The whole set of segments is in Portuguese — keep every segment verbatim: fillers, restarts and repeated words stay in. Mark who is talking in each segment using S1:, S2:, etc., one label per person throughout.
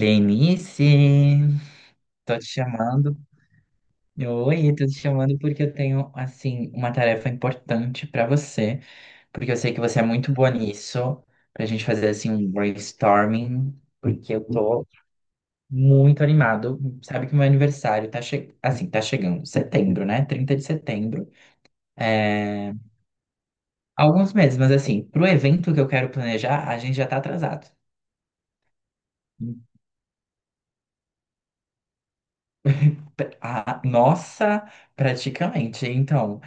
S1: Lenice, tô te chamando. Oi, tô te chamando porque eu tenho, assim, uma tarefa importante pra você, porque eu sei que você é muito boa nisso, pra gente fazer, assim, um brainstorming, porque eu tô muito animado. Sabe que meu aniversário tá, che... assim, tá chegando, setembro, né? Trinta de setembro. É... Alguns meses, mas assim, pro evento que eu quero planejar, a gente já tá atrasado. A nossa, praticamente. Então.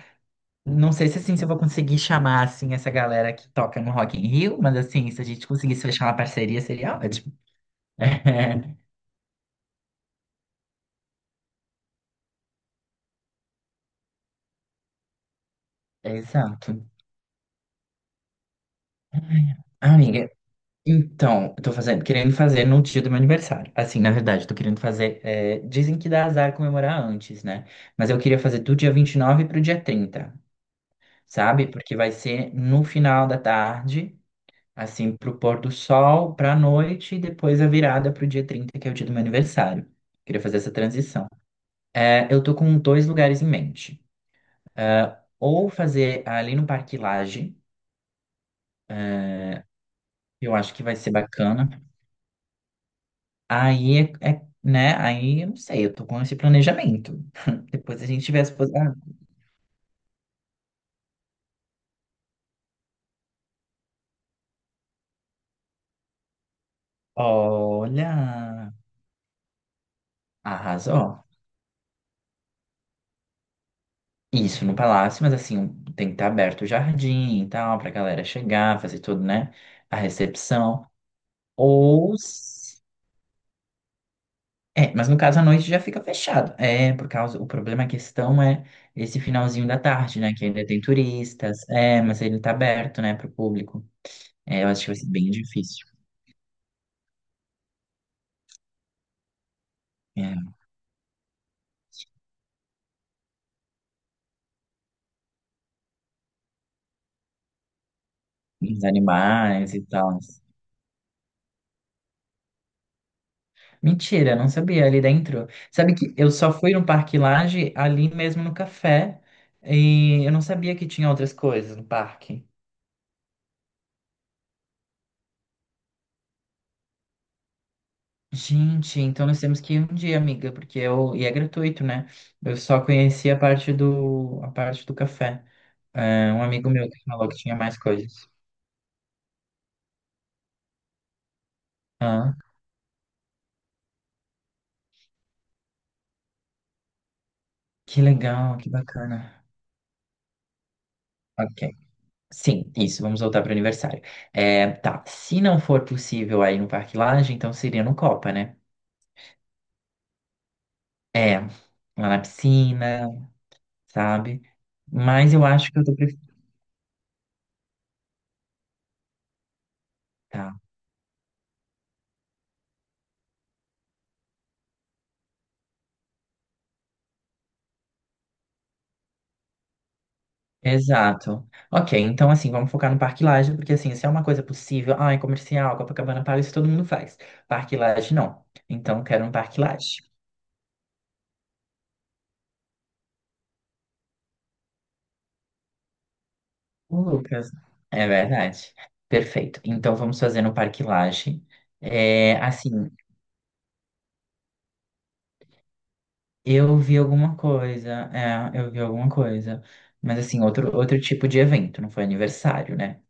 S1: Não sei se é assim se eu vou conseguir chamar assim essa galera que toca no Rock in Rio, mas assim, se a gente conseguisse fechar uma parceria seria ótimo. É, exato. Amiga, então, eu tô fazendo, querendo fazer no dia do meu aniversário. Assim, na verdade, eu tô querendo fazer. É, dizem que dá azar comemorar antes, né? Mas eu queria fazer do dia vinte e nove pro dia trinta, sabe? Porque vai ser no final da tarde, assim, pro pôr do sol, pra noite, e depois a virada pro dia trinta que é o dia do meu aniversário. Queria fazer essa transição. É, eu tô com dois lugares em mente. É, ou fazer ali no Parque Lage, eu acho que vai ser bacana. Aí, é, é, né? Aí, eu não sei, eu tô com esse planejamento. Depois a gente tiver as pos- Ah, olha, arrasou. Isso no palácio, mas assim, tem que estar aberto o jardim e tal, pra galera chegar, fazer tudo, né? A recepção. Ou É, mas no caso à noite já fica fechado. É, por causa, o problema, a questão é esse finalzinho da tarde, né? Que ainda tem turistas. É, mas ele tá aberto, né, pro público. É, eu acho que vai ser bem difícil. É, os animais e tal. Mentira, não sabia ali dentro. Sabe que eu só fui no Parque Lage ali mesmo no café. E eu não sabia que tinha outras coisas no parque. Gente, então nós temos que ir um dia, amiga, porque eu, e é gratuito, né? Eu só conheci a parte do, a parte do café. É, um amigo meu que falou que tinha mais coisas. Ah, que legal, que bacana. Ok. Sim, isso, vamos voltar para o aniversário. É, tá, se não for possível aí no Parque Lage, então seria no Copa, né? É, lá na piscina, sabe? Mas eu acho que eu tô preferindo. Tá, exato. Ok, então assim, vamos focar no Parque Lage, porque assim, se é uma coisa possível, ah, é comercial, Copacabana Palace, todo mundo faz. Parque Lage, não. Então, quero um Parque Lage. O Lucas, é verdade. Perfeito. Então vamos fazer no Parque Lage. É, assim, eu vi alguma coisa, é, eu vi alguma coisa, mas assim, outro, outro tipo de evento, não foi aniversário, né?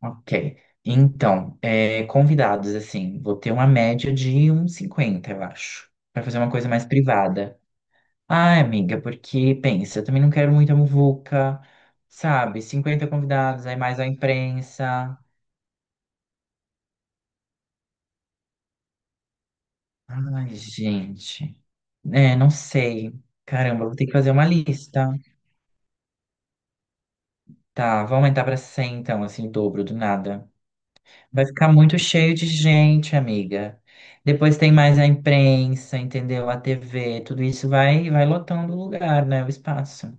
S1: Ok. Então, é, convidados, assim, vou ter uma média de uns cinquenta eu acho, para fazer uma coisa mais privada. Ai, amiga, porque pensa, eu também não quero muita muvuca, sabe? Cinquenta convidados, aí mais a imprensa. Ai, gente. É, não sei. Caramba, vou ter que fazer uma lista. Tá, vou aumentar pra cem então, assim, o dobro do nada. Vai ficar muito cheio de gente, amiga. Depois tem mais a imprensa, entendeu? A T V, tudo isso vai vai lotando o lugar, né? O espaço.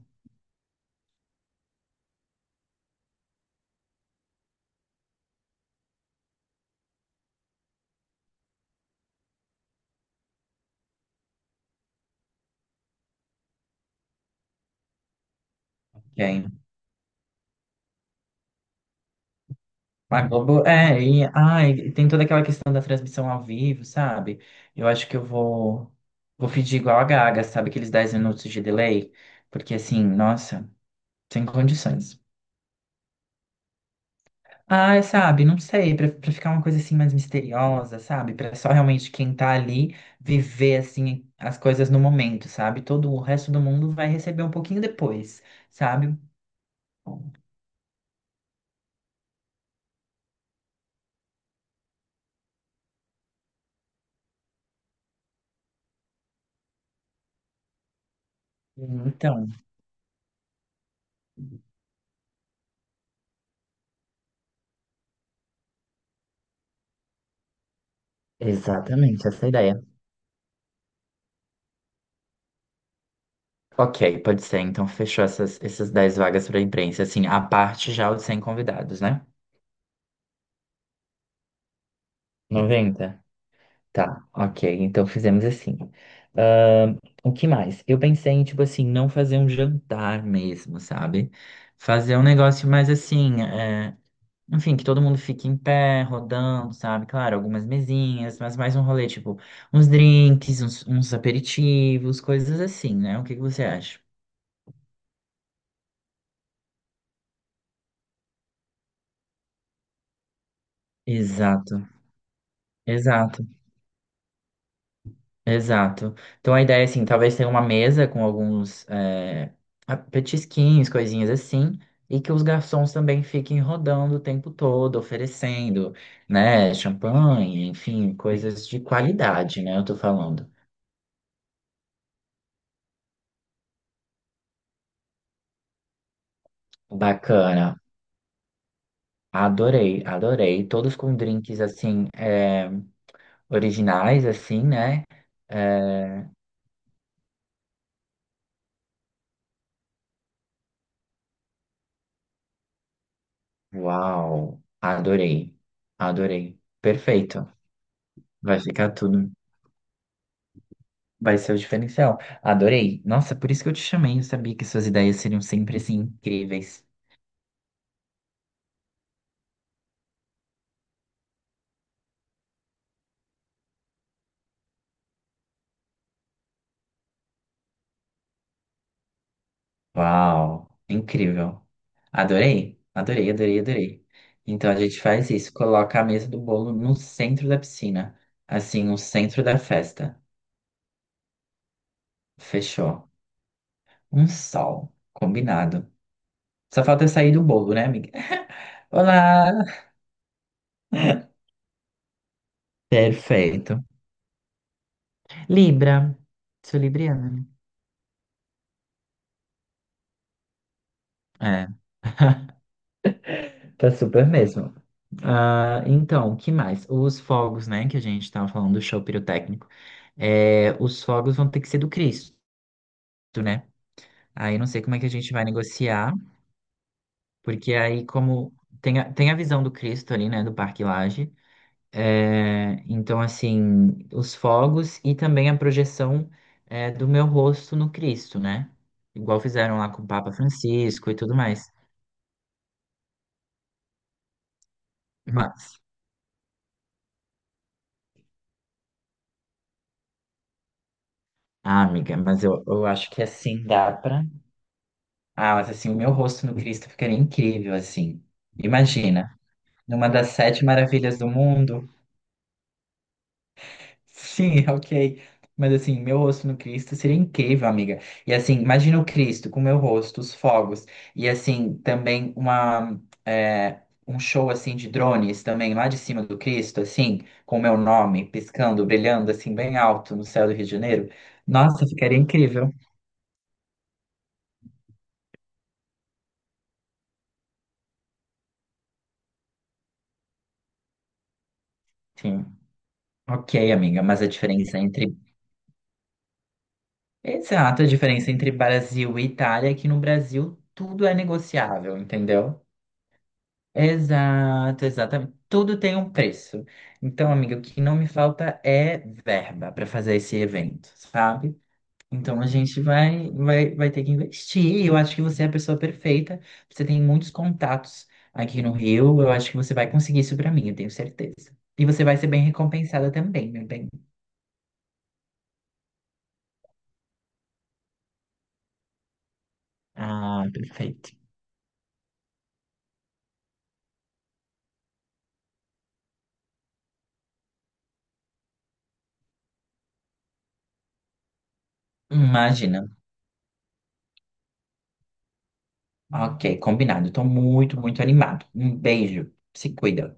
S1: Quem? A Globo, é, e ai, tem toda aquela questão da transmissão ao vivo, sabe? Eu acho que eu vou vou pedir igual a Gaga, sabe? Aqueles dez minutos de delay, porque assim, nossa, sem condições. Ah, sabe, não sei, pra, pra ficar uma coisa assim mais misteriosa, sabe? Pra só realmente quem tá ali viver assim as coisas no momento, sabe? Todo o resto do mundo vai receber um pouquinho depois, sabe? Então, exatamente, essa é a ideia. Ok, pode ser. Então, fechou essas, essas dez vagas para imprensa. Assim, a parte já os cem convidados, né? Noventa. Tá, ok. Então fizemos assim. Ahn, o que mais? Eu pensei em, tipo assim, não fazer um jantar mesmo, sabe? Fazer um negócio mais assim, é, enfim, que todo mundo fique em pé, rodando, sabe? Claro, algumas mesinhas, mas mais um rolê, tipo, uns drinks, uns, uns aperitivos, coisas assim, né? O que que você acha? Exato, exato. Exato. Então a ideia é assim, talvez tenha uma mesa com alguns é, a- petisquinhos, coisinhas assim, e que os garçons também fiquem rodando o tempo todo, oferecendo, né, champanhe, enfim, coisas de qualidade, né, eu tô falando. Bacana. Adorei, adorei. Todos com drinks assim, é, originais, assim, né? É, uau, adorei, adorei. Perfeito. Vai ficar tudo. Vai ser o diferencial. Adorei. Nossa, por isso que eu te chamei. Eu sabia que suas ideias seriam sempre assim incríveis. Uau, incrível. Adorei, adorei, adorei, adorei. Então a gente faz isso, coloca a mesa do bolo no centro da piscina, assim, no centro da festa. Fechou. Um sol, combinado. Só falta eu sair do bolo, né, amiga? Olá! Perfeito. Libra. Sou libriana. Né? É, tá super mesmo. Ah, então, o que mais? Os fogos, né, que a gente estava falando do show pirotécnico. É, os fogos vão ter que ser do Cristo, né? Aí não sei como é que a gente vai negociar, porque aí como tem a, tem a visão do Cristo ali, né, do Parque Lage. É, então, assim, os fogos e também a projeção é, do meu rosto no Cristo, né? Igual fizeram lá com o Papa Francisco e tudo mais. Mas, ah, amiga, mas eu, eu acho que assim dá pra. Ah, mas assim, o meu rosto no Cristo ficaria incrível, assim. Imagina, numa das sete maravilhas do mundo. Sim, ok. Mas assim, meu rosto no Cristo seria incrível, amiga. E assim, imagina o Cristo com meu rosto, os fogos. E assim, também uma, é, um show assim de drones também lá de cima do Cristo, assim, com o meu nome piscando, brilhando assim bem alto no céu do Rio de Janeiro. Nossa, ficaria incrível. Sim. Ok, amiga, mas a diferença é entre exato, a diferença entre Brasil e Itália é que no Brasil tudo é negociável, entendeu? Exato, exatamente. Tudo tem um preço. Então, amiga, o que não me falta é verba para fazer esse evento, sabe? Então a gente vai, vai, vai ter que investir. Eu acho que você é a pessoa perfeita. Você tem muitos contatos aqui no Rio. Eu acho que você vai conseguir isso para mim, eu tenho certeza. E você vai ser bem recompensada também, meu bem. Ah, perfeito. Imagina. Ok, combinado. Estou muito, muito animado. Um beijo. Se cuida.